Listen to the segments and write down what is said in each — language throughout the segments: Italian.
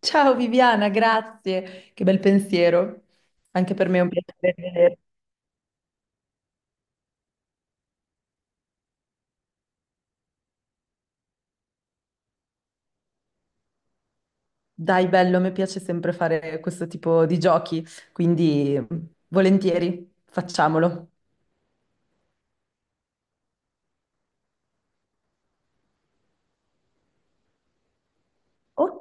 Ciao Viviana, grazie. Che bel pensiero. Anche per me è un piacere vedere. Dai, bello, mi piace sempre fare questo tipo di giochi, quindi volentieri, facciamolo. Ok.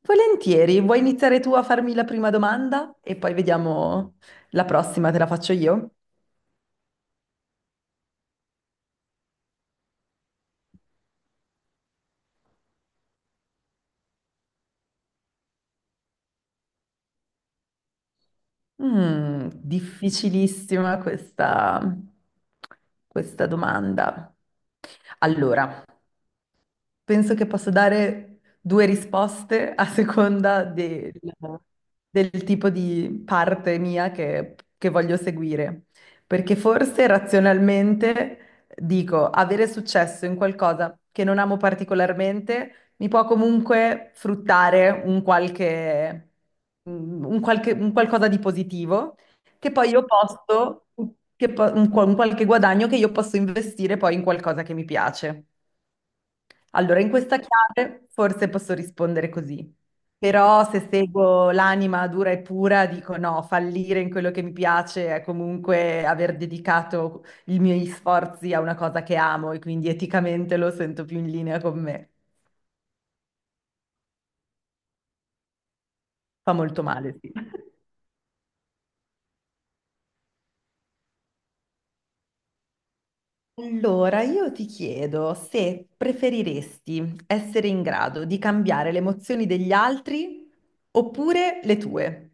Volentieri, vuoi iniziare tu a farmi la prima domanda e poi vediamo la prossima, te la faccio io? Difficilissima questa domanda. Allora, penso che posso dare due risposte a seconda del tipo di parte mia che voglio seguire. Perché forse razionalmente dico, avere successo in qualcosa che non amo particolarmente mi può comunque fruttare un qualcosa di positivo che poi io posso, che po- un, qua- un qualche guadagno che io posso investire poi in qualcosa che mi piace. Allora, in questa chiave forse posso rispondere così, però se seguo l'anima dura e pura, dico no, fallire in quello che mi piace è comunque aver dedicato i miei sforzi a una cosa che amo e quindi eticamente lo sento più in linea con me. Fa molto male, sì. Allora, io ti chiedo se preferiresti essere in grado di cambiare le emozioni degli altri oppure le tue.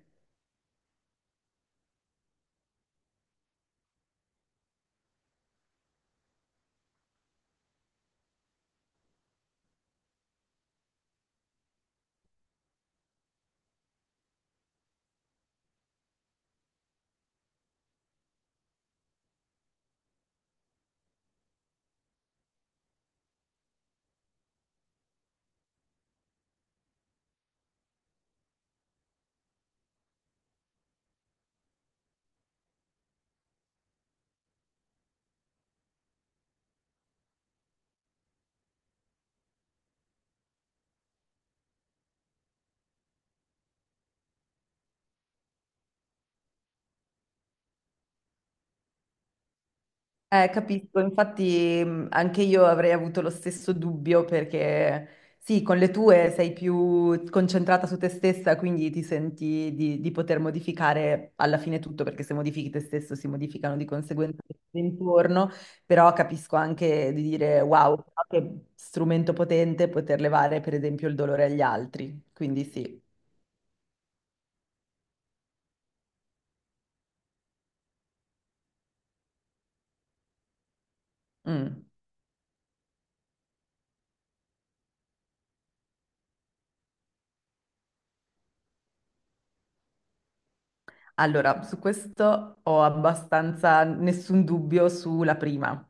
Capisco, infatti anche io avrei avuto lo stesso dubbio perché sì, con le tue sei più concentrata su te stessa, quindi ti senti di poter modificare alla fine tutto, perché se modifichi te stesso si modificano di conseguenza tutto intorno, però capisco anche di dire wow, che strumento potente poter levare per esempio il dolore agli altri, quindi sì. Mm. Allora, su questo ho abbastanza nessun dubbio sulla prima,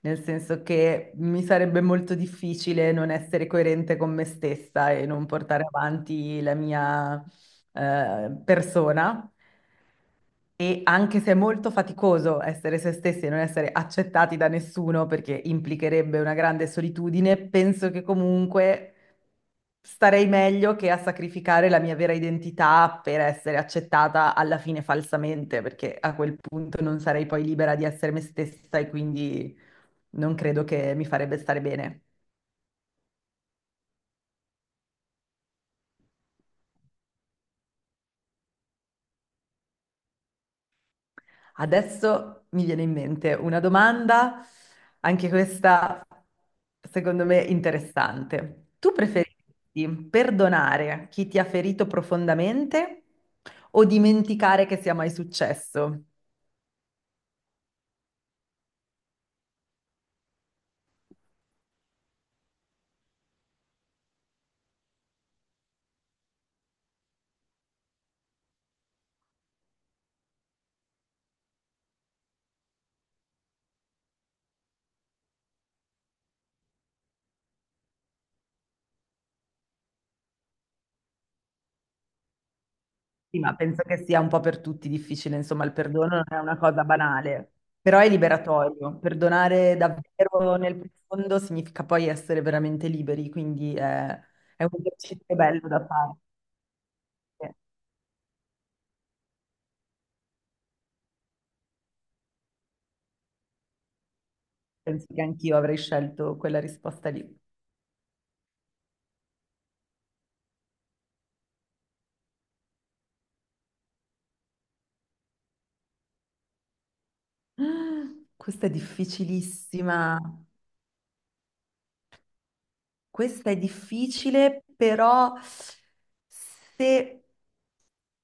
nel senso che mi sarebbe molto difficile non essere coerente con me stessa e non portare avanti la mia persona e anche se è molto faticoso essere se stessi e non essere accettati da nessuno perché implicherebbe una grande solitudine, penso che comunque starei meglio che a sacrificare la mia vera identità per essere accettata alla fine falsamente, perché a quel punto non sarei poi libera di essere me stessa e quindi non credo che mi farebbe stare bene. Adesso mi viene in mente una domanda, anche questa secondo me interessante. Tu preferisci perdonare chi ti ha ferito profondamente o dimenticare che sia mai successo? Sì, ma penso che sia un po' per tutti difficile, insomma, il perdono non è una cosa banale, però è liberatorio. Perdonare davvero nel profondo significa poi essere veramente liberi, quindi è un esercizio bello da fare. Penso che anch'io avrei scelto quella risposta lì. Questa è difficilissima. Questa è difficile, però se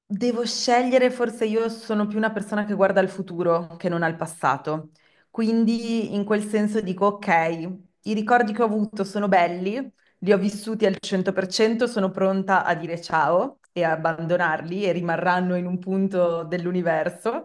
devo scegliere, forse io sono più una persona che guarda al futuro che non al passato. Quindi in quel senso dico, ok, i ricordi che ho avuto sono belli, li ho vissuti al 100%, sono pronta a dire ciao e a abbandonarli e rimarranno in un punto dell'universo.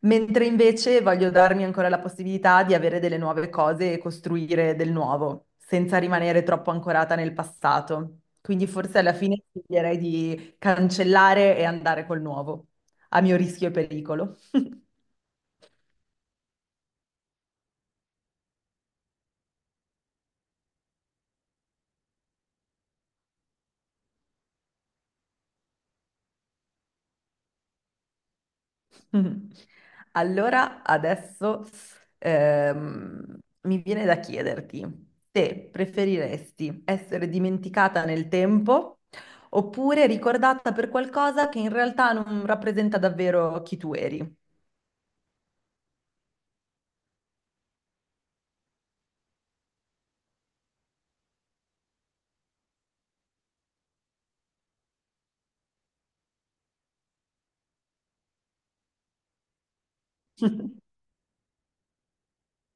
Mentre invece voglio darmi ancora la possibilità di avere delle nuove cose e costruire del nuovo, senza rimanere troppo ancorata nel passato. Quindi forse alla fine sceglierei di cancellare e andare col nuovo, a mio rischio e pericolo. Mhm. Allora, adesso mi viene da chiederti se preferiresti essere dimenticata nel tempo oppure ricordata per qualcosa che in realtà non rappresenta davvero chi tu eri.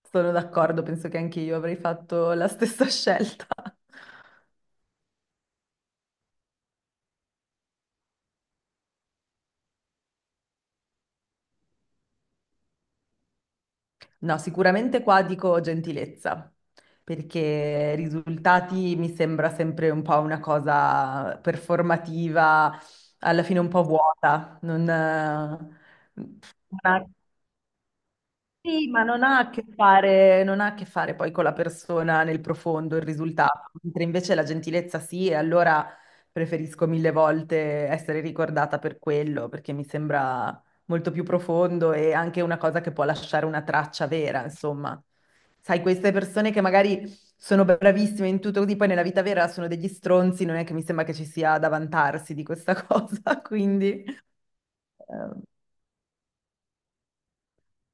Sono d'accordo, penso che anche io avrei fatto la stessa scelta. No, sicuramente qua dico gentilezza, perché risultati mi sembra sempre un po' una cosa performativa, alla fine un po' vuota, non, una- sì, ma non ha a che fare, non ha a che fare poi con la persona nel profondo, il risultato, mentre invece la gentilezza sì, e allora preferisco mille volte essere ricordata per quello, perché mi sembra molto più profondo e anche una cosa che può lasciare una traccia vera, insomma. Sai, queste persone che magari sono bravissime in tutto così, poi nella vita vera sono degli stronzi, non è che mi sembra che ci sia da vantarsi di questa cosa, quindi. eh,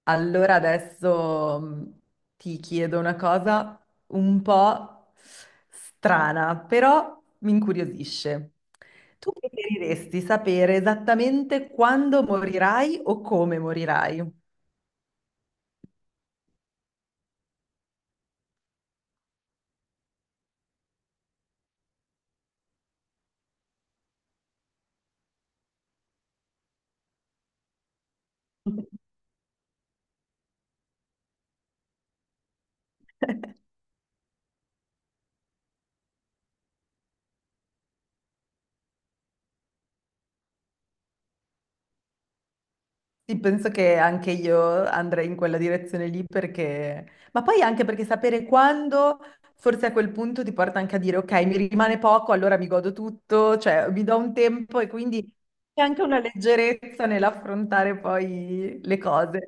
Allora adesso ti chiedo una cosa un po' strana, però mi incuriosisce. Tu preferiresti sapere esattamente quando morirai o come morirai? Sì, penso che anche io andrei in quella direzione lì perché, ma poi anche perché sapere quando, forse a quel punto ti porta anche a dire, ok, mi rimane poco, allora mi godo tutto, cioè mi do un tempo e quindi c'è anche una leggerezza nell'affrontare poi le cose.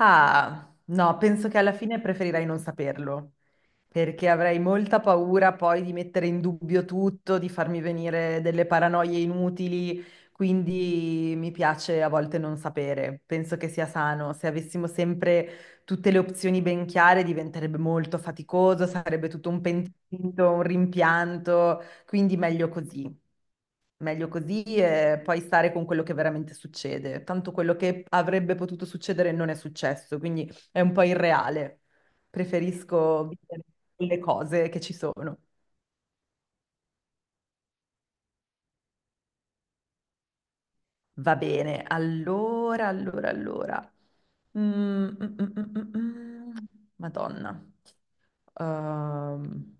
Ah, no, penso che alla fine preferirai non saperlo, perché avrei molta paura poi di mettere in dubbio tutto, di farmi venire delle paranoie inutili, quindi mi piace a volte non sapere. Penso che sia sano. Se avessimo sempre tutte le opzioni ben chiare, diventerebbe molto faticoso, sarebbe tutto un pentito, un rimpianto, quindi meglio così. Meglio così e poi stare con quello che veramente succede. Tanto quello che avrebbe potuto succedere non è successo, quindi è un po' irreale. Preferisco vivere le cose che ci sono. Va bene, allora. Mm, mm, mm, mm, mm, mm. Madonna. Ehm,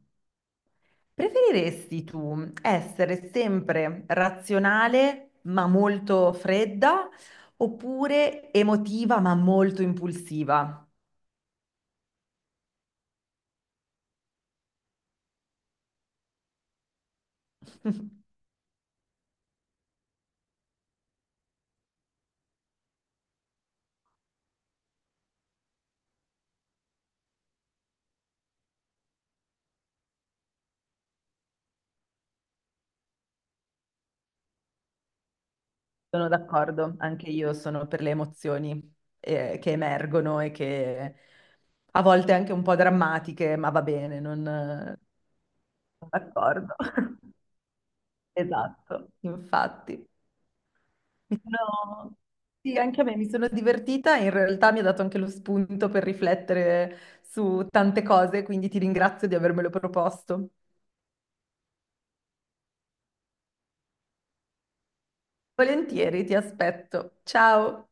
preferiresti tu essere sempre razionale ma molto fredda oppure emotiva ma molto impulsiva? Sono d'accordo, anche io sono per le emozioni che emergono e che a volte anche un po' drammatiche, ma va bene, non sono d'accordo. Esatto, infatti. Mi sono- Sì, anche a me mi sono divertita, in realtà mi ha dato anche lo spunto per riflettere su tante cose, quindi ti ringrazio di avermelo proposto. Volentieri, ti aspetto. Ciao!